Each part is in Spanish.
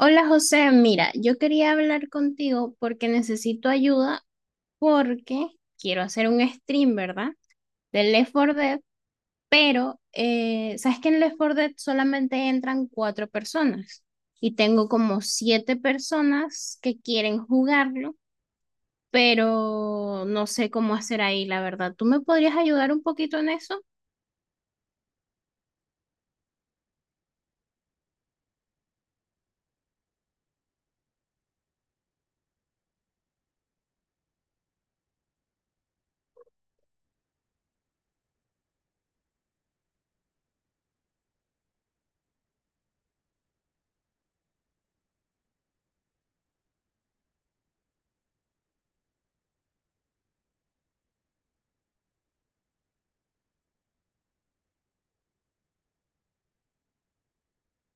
Hola José, mira, yo quería hablar contigo porque necesito ayuda porque quiero hacer un stream, ¿verdad? De Left 4 Dead, pero ¿sabes que en Left 4 Dead solamente entran cuatro personas? Y tengo como siete personas que quieren jugarlo, pero no sé cómo hacer ahí, la verdad. ¿Tú me podrías ayudar un poquito en eso?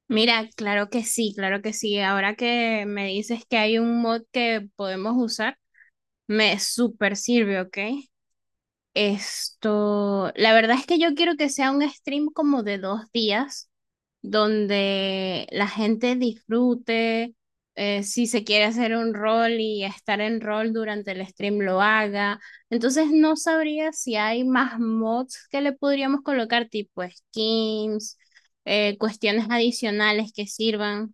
Mira, claro que sí, claro que sí. Ahora que me dices que hay un mod que podemos usar. Me super sirve, ¿ok? Esto, la verdad es que yo quiero que sea un stream como de dos días, donde la gente disfrute, si se quiere hacer un rol y estar en rol durante el stream lo haga. Entonces no sabría si hay más mods que le podríamos colocar, tipo skins, cuestiones adicionales que sirvan.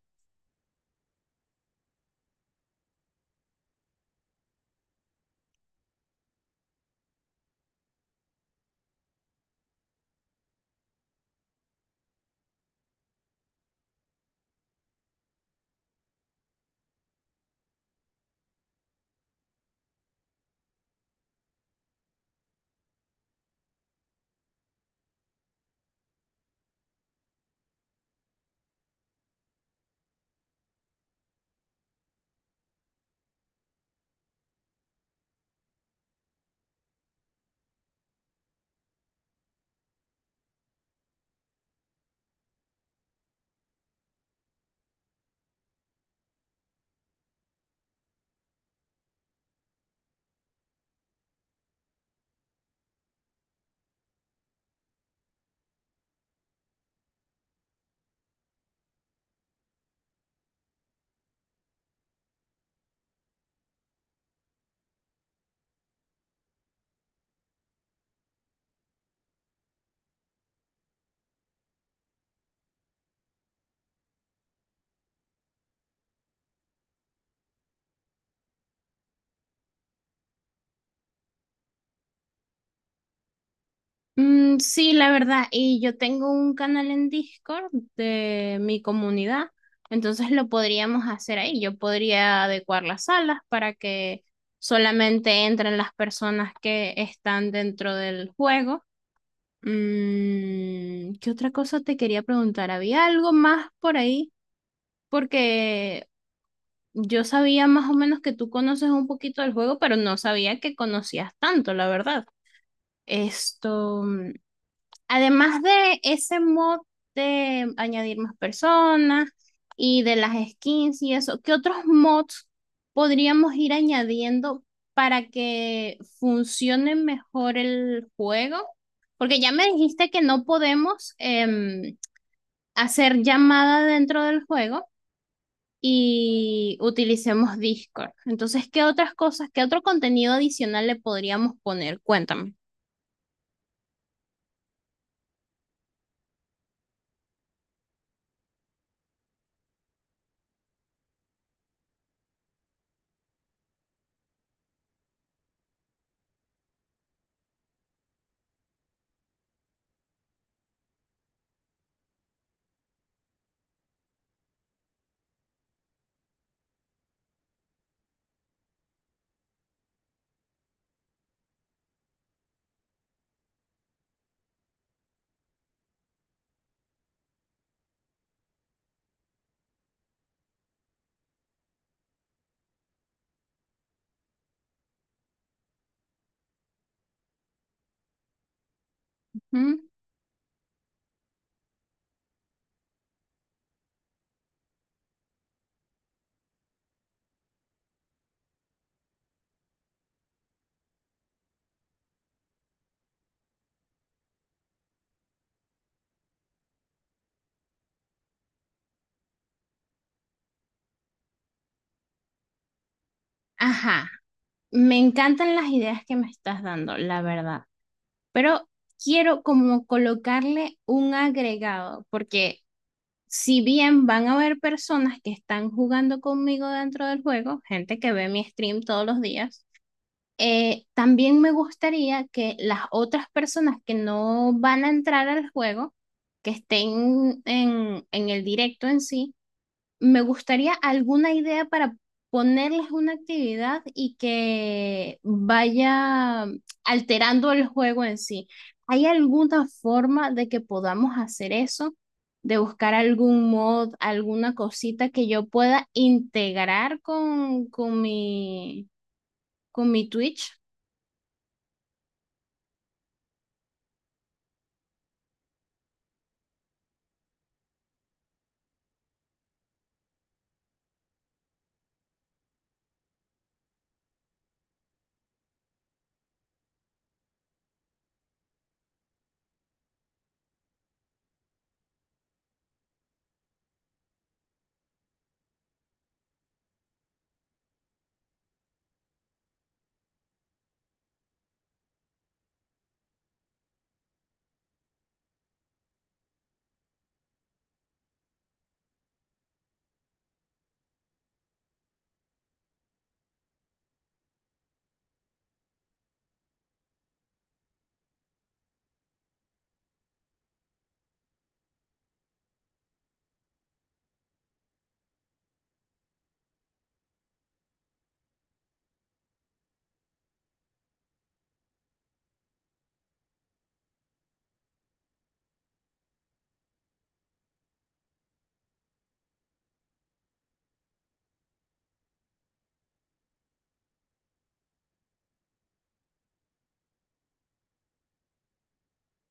Mm, sí, la verdad, y yo tengo un canal en Discord de mi comunidad, entonces lo podríamos hacer ahí. Yo podría adecuar las salas para que solamente entren las personas que están dentro del juego. Mm, ¿qué otra cosa te quería preguntar? ¿Había algo más por ahí? Porque yo sabía más o menos que tú conoces un poquito del juego, pero no sabía que conocías tanto, la verdad. Esto. Además de ese mod de añadir más personas y de las skins y eso, ¿qué otros mods podríamos ir añadiendo para que funcione mejor el juego? Porque ya me dijiste que no podemos hacer llamada dentro del juego y utilicemos Discord. Entonces, ¿qué otras cosas, qué otro contenido adicional le podríamos poner? Cuéntame. Ujú. Ajá. Me encantan las ideas que me estás dando, la verdad, pero quiero como colocarle un agregado, porque si bien van a haber personas que están jugando conmigo dentro del juego, gente que ve mi stream todos los días, también me gustaría que las otras personas que no van a entrar al juego, que estén en el directo en sí, me gustaría alguna idea para ponerles una actividad y que vaya alterando el juego en sí. ¿Hay alguna forma de que podamos hacer eso? De buscar algún mod, alguna cosita que yo pueda integrar con con mi Twitch.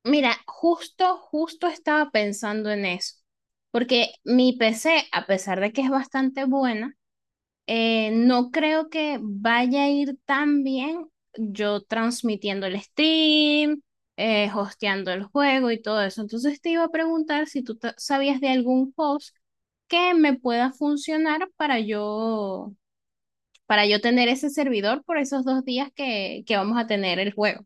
Mira, justo, justo estaba pensando en eso, porque mi PC, a pesar de que es bastante buena, eh, no creo que vaya a ir tan bien yo transmitiendo el stream, hosteando el juego y todo eso. Entonces te iba a preguntar si tú sabías de algún host que me pueda funcionar para yo tener ese servidor por esos dos días que vamos a tener el juego.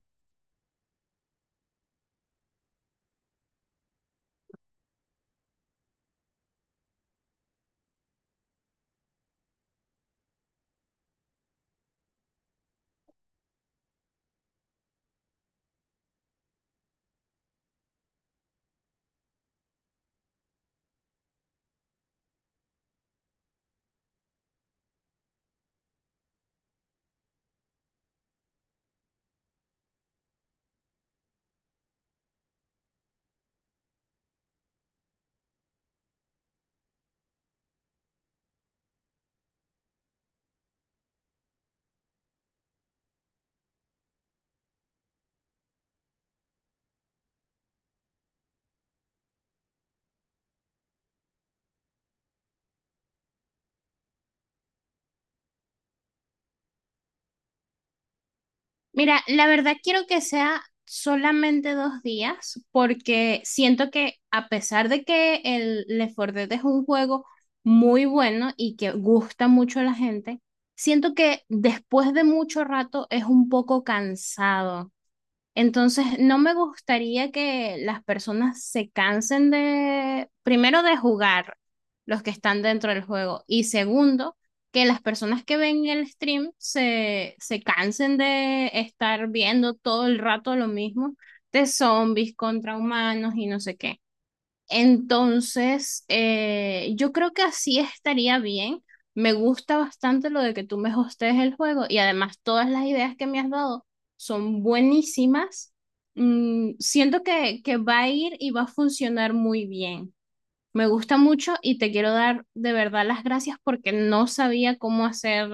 Mira, la verdad quiero que sea solamente dos días porque siento que a pesar de que el Left 4 Dead es un juego muy bueno y que gusta mucho a la gente, siento que después de mucho rato es un poco cansado. Entonces, no me gustaría que las personas se cansen de, primero, de jugar los que están dentro del juego y segundo, que las personas que ven el stream se cansen de estar viendo todo el rato lo mismo de zombies contra humanos y no sé qué. Entonces, yo creo que así estaría bien. Me gusta bastante lo de que tú me hostees el juego y además todas las ideas que me has dado son buenísimas. Mm, siento que va a ir y va a funcionar muy bien. Me gusta mucho y te quiero dar de verdad las gracias porque no sabía cómo hacer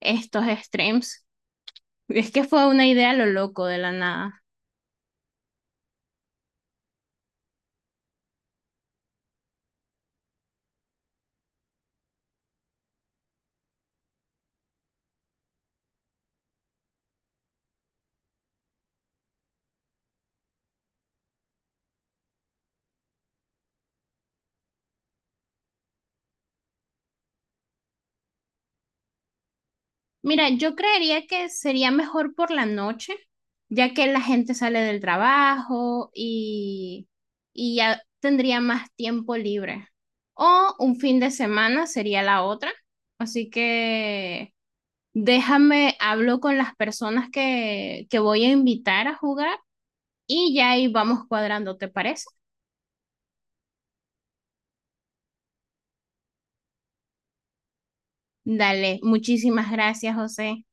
estos streams. Es que fue una idea a lo loco de la nada. Mira, yo creería que sería mejor por la noche, ya que la gente sale del trabajo y ya tendría más tiempo libre. O un fin de semana sería la otra. Así que déjame, hablo con las personas que voy a invitar a jugar y ya ahí vamos cuadrando, ¿te parece? Dale, muchísimas gracias, José.